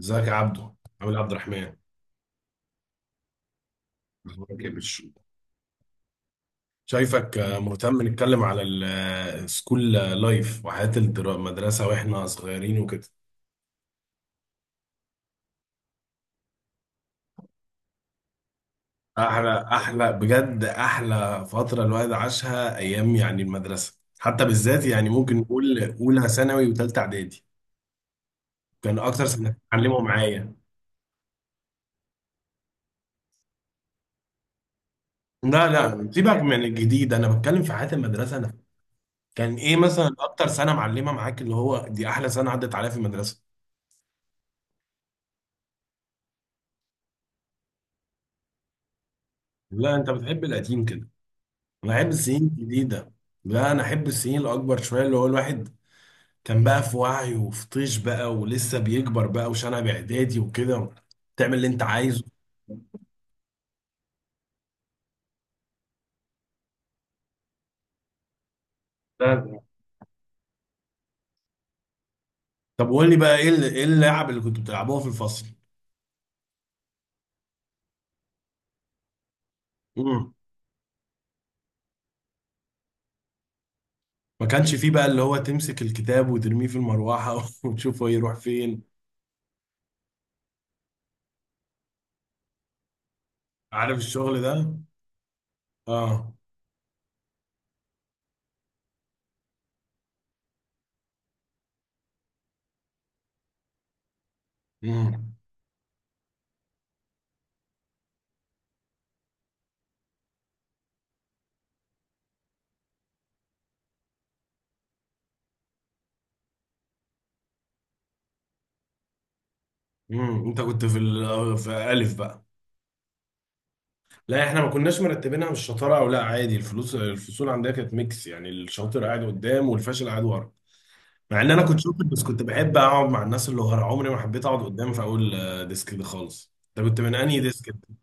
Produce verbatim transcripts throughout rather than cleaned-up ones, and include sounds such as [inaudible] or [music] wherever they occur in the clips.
ازيك يا عبدو؟ عامل إيه يا عبد الرحمن؟ اخبارك ايه بش- شايفك آه، مهتم نتكلم على السكول لايف وحياة الدرا- المدرسة واحنا صغيرين وكده. احلى احلى بجد، احلى فترة الواحد عاشها ايام يعني المدرسة، حتى بالذات يعني ممكن نقول اولى ثانوي وثالثة اعدادي. كان اكتر سنة اتعلموا معايا. لا لا، سيبك من الجديد، انا بتكلم في حياة المدرسة انا. كان ايه مثلا اكتر سنة معلمة معاك اللي هو دي احلى سنة عدت عليها في المدرسة؟ لا، انت بتحب القديم كده، انا احب السنين الجديده. لا، انا احب السنين الاكبر شويه، اللي هو الواحد كان بقى في وعي وفي طيش بقى ولسه بيكبر بقى وشنب اعدادي وكده، تعمل اللي انت عايزه. لازم. طب قول لي بقى ايه ال- ايه اللعب اللي كنتوا بتلعبوها في الفصل؟ امم. ما كانش فيه بقى اللي هو تمسك الكتاب وترميه في المروحه [laughs] وتشوفه يروح فين؟ عارف الشغل ده. اه. امم. امم، انت كنت في ال- في الالف بقى؟ لا، احنا ما كناش مرتبينها مش شطاره او لا، عادي الفلوس، الفصول عندنا كانت ميكس، يعني الشاطر قاعد قدام والفاشل قاعد ورا. مع ان انا كنت شاطر بس كنت بحب اقعد مع الناس اللي ورا، عمري ما حبيت اقعد قدام في اول آه، ديسك ده خالص. انت كنت من انهي ديسك انت؟ كنت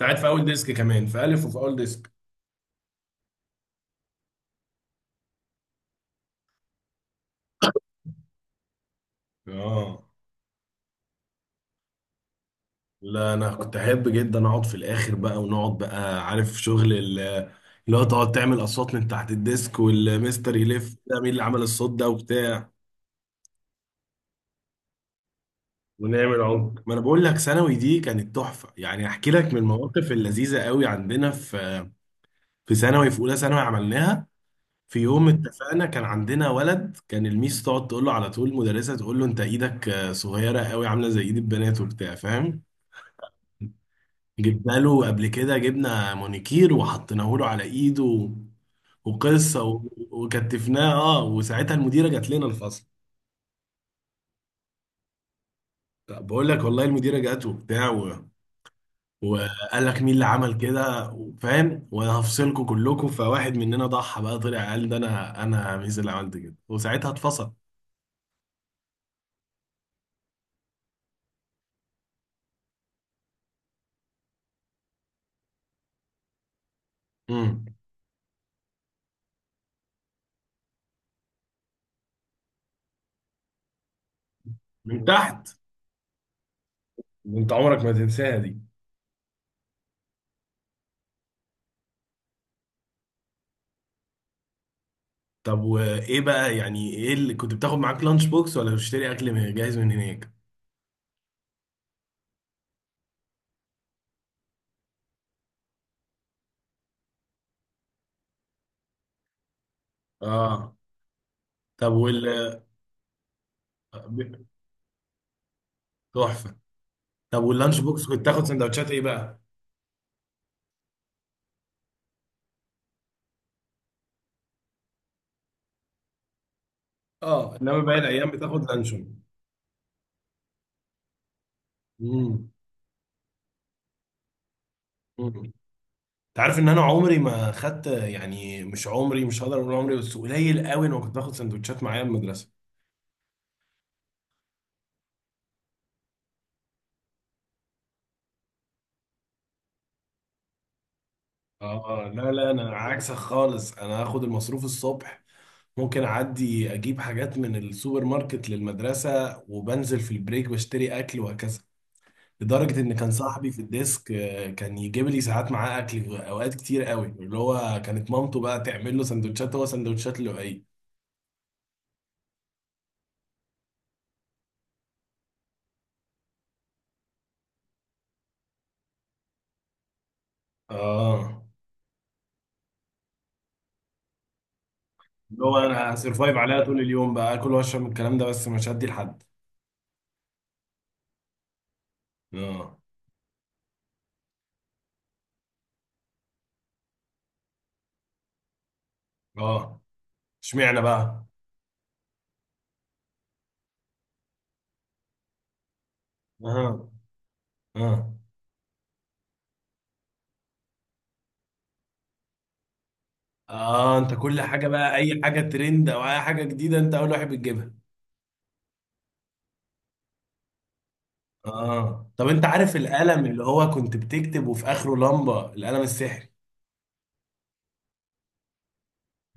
قاعد في اول ديسك كمان في الف وفي اول ديسك. اه. لا، انا كنت احب جدا اقعد في الاخر بقى، ونقعد بقى عارف شغل ال- اللي هو تقعد تعمل اصوات من تحت الديسك والمستر يلف ده مين اللي عمل الصوت ده وبتاع. ونعم العمر، ما انا بقول لك ثانوي دي كانت تحفه. يعني احكي لك من المواقف اللذيذه قوي عندنا في في ثانوي، في اولى ثانوي عملناها. في يوم اتفقنا، كان عندنا ولد كان الميس تقعد تقول له على طول المدرسه، تقول له انت ايدك آه، صغيره قوي عامله زي ايد البنات وبتاع فاهم. جبنا له قبل كده، جبنا مونيكير وحطيناه له على ايده وقصه و- وكتفناه اه. وساعتها المديره جات لنا الفصل. بقول لك والله المديره جات وبتاع. وقال لك مين اللي عمل كده فاهم، وانا هفصلكم كلكم. فواحد مننا ضحى بقى، طلع قال ده انا انا ميز اللي عملت كده، وساعتها اتفصل. امم. من تحت. انت عمرك ما تنساها دي. طب وايه بقى، يعني ايه اللي كنت بتاخد معاك؟ لانش بوكس ولا بتشتري اكل من جاهز من هناك؟ اه. طب وال. ب- تحفه. طب واللانش بوكس كنت تاخد سندوتشات ايه بقى؟ اه، انما باقي الايام بتاخد لانشون. امم. تعرف ان انا عمري ما خدت، يعني مش عمري، مش هقدر اقول عمري، بس قليل قوي انا كنت باخد سندوتشات معايا من المدرسه. اه. لا لا، انا عكسك خالص. انا اخد المصروف الصبح، ممكن اعدي اجيب حاجات من السوبر ماركت للمدرسه وبنزل في البريك بشتري اكل وهكذا. لدرجه ان كان صاحبي في الديسك آه، كان يجيب لي ساعات معاه اكل، اوقات كتير قوي، اللي هو كانت مامته بقى تعمل له سندوتشات، هو سندوتشات لؤي. اه. اللي هو انا هسرفايف عليها طول اليوم بقى، اكل واشرب من الكلام ده بس مش هدي لحد. اه. اه. اشمعنى بقى؟ اه. اه. اه، انت كل حاجه بقى، اي حاجه ترند او اي حاجه جديده انت اول واحد بتجيبها. اه، طب انت عارف القلم اللي هو كنت بتكتب وفي اخره لمبه، القلم السحري؟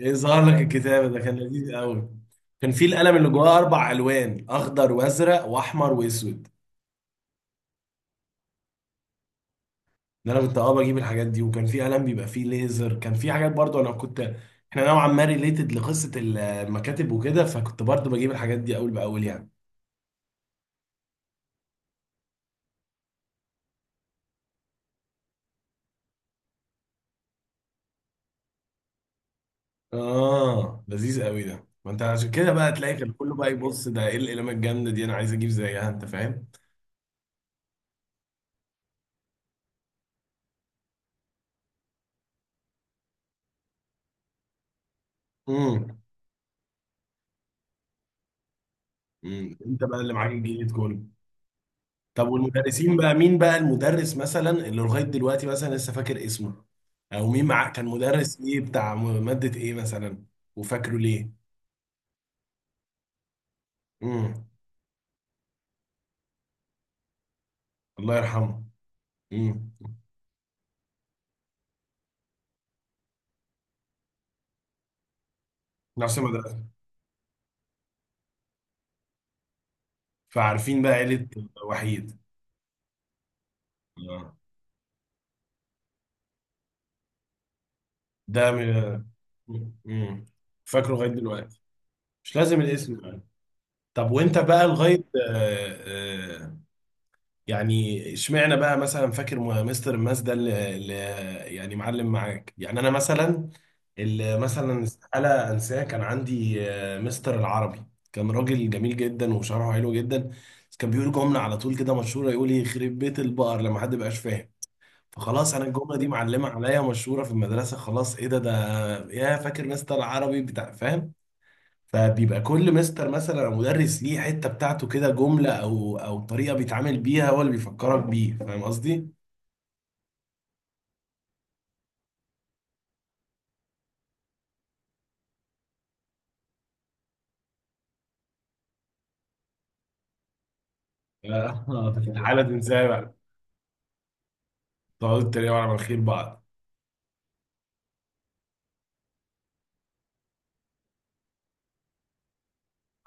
ايه، ظهر لك الكتاب؟ ده كان لذيذ قوي. كان في القلم اللي جواه اربع الوان، اخضر وازرق واحمر واسود. ده انا كنت اه بجيب الحاجات دي. وكان في قلم بيبقى فيه ليزر، كان في حاجات برضو انا كنت، احنا نوعا ما ريليتد لقصه المكاتب وكده، فكنت برضو بجيب الحاجات دي اول باول يعني. اه، لذيذ قوي ده. ما انت عشان كده بقى تلاقي كان كله بقى يبص ده ايه القلمه الجامده دي، انا عايز اجيب زيها، انت فاهم. امم. امم، انت بقى اللي معاك الجيد كله. طب والمدرسين بقى، مين بقى المدرس مثلا اللي لغايه دلوقتي مثلا لسه فاكر اسمه؟ او مين معاك كان مدرس ايه، بتاع م- ماده ايه مثلا؟ وفاكره ليه؟ امم. الله يرحمه. امم. نفس المدرسه. فعارفين بقى عيله. وحيد. اه. ده م- امم. فاكره لغايه دلوقتي. مش لازم الاسم. طب وانت بقى لغايه آه، آه، يعني اشمعنى بقى مثلا فاكر م- مستر الماس ده اللي اللي يعني معلم معاك؟ يعني انا مثلا اللي مثلا استحاله انساه كان عندي آه، مستر العربي. كان راجل جميل جدا وشرحه حلو جدا، بس كان بيقول جمله على طول كده مشهوره، يقول يخرب بيت البقر لما حد بقاش فاهم. فخلاص انا الجمله دي معلمه عليا، مشهوره في المدرسه. خلاص، ايه ده ده، يا فاكر مستر العربي، بتاع فاهم. فبيبقى كل مستر مثلا او مدرس ليه حته بتاعته كده، جمله او او طريقه بيتعامل بيها هو اللي بيفكرك بيه، فاهم قصدي؟ [laughs] آه، في الحاله دي ازاي بقى تقعدوا تتريقوا على مناخير بعض؟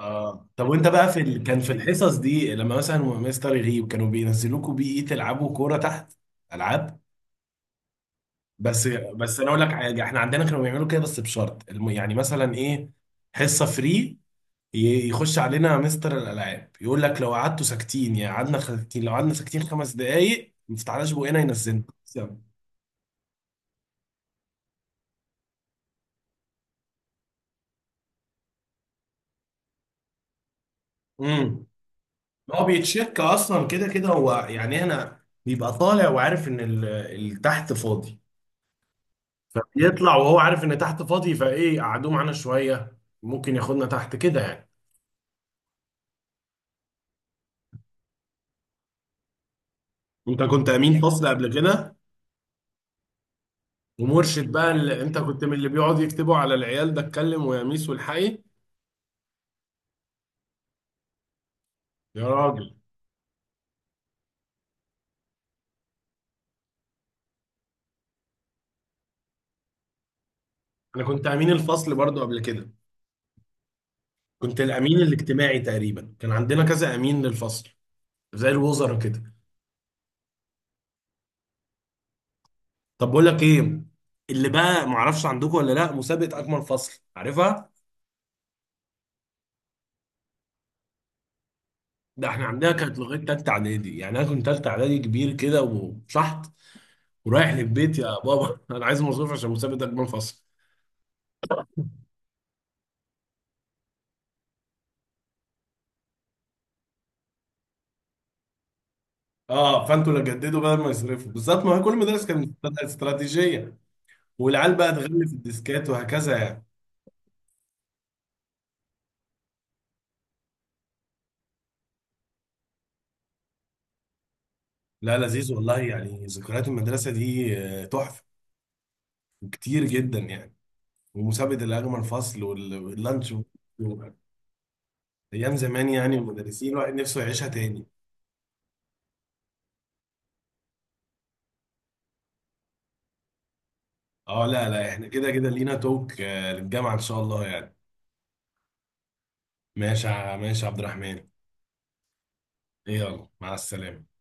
اه، طب وانت بقى في ال... كان في الحصص دي لما مثلا مستر يغيب كانوا بينزلوكوا بيه ايه، تلعبوا كوره تحت؟ العاب؟ بس بس انا اقول لك حاجه، احنا عندنا كانوا بيعملوا كده بس بشرط الم- يعني مثلا ايه، حصه فري، ي- يخش علينا مستر الالعاب يقول لك لو قعدتوا ساكتين، يعني قعدنا ساكتين، لو قعدنا ساكتين خمس دقايق ما فتحناش بقنا، ينزلنا. امم. هو بيتشك اصلا كده كده هو، يعني هنا بيبقى طالع وعارف ان ال- اللي تحت فاضي. فبيطلع وهو عارف ان تحت فاضي، فايه قعدوه معانا شويه، ممكن ياخدنا تحت كده يعني. انت كنت امين فصل قبل كده؟ ومرشد بقى، اللي انت كنت من اللي بيقعد يكتبوا على العيال ده اتكلم ويا ميس والحقي؟ يا راجل، انا كنت امين الفصل برضو قبل كده، كنت الامين الاجتماعي تقريبا، كان عندنا كذا امين للفصل، زي الوزراء كده. طب بقول لك ايه، اللي بقى معرفش عندكم ولا لا، مسابقه اجمل فصل، عارفها؟ ده احنا عندنا كانت لغايه تالته اعدادي، يعني انا كنت تالته اعدادي كبير كده وشحط ورايح للبيت يا بابا [laughs] انا عايز مصروف عشان مسابقه اجمل فصل. اه، فانتوا اللي جددوا بدل ما يصرفوا، بالظبط، ما هي كل مدرسه كانت استراتيجيه، والعيال بقى تغلف الديسكات وهكذا يعني. لا، لذيذ والله، يعني ذكريات المدرسه دي آه، تحفه، كتير جدا يعني. ومسابقة الأجمل فصل وال- واللانش و- أيام زمان يعني، المدرسين، الواحد نفسه يعيشها تاني. اه، لا لا، احنا كده كده لينا توك آه، للجامعة إن شاء الله يعني. ماشي يا- ماشي يا عبد الرحمن. إيه، يلا مع السلامة.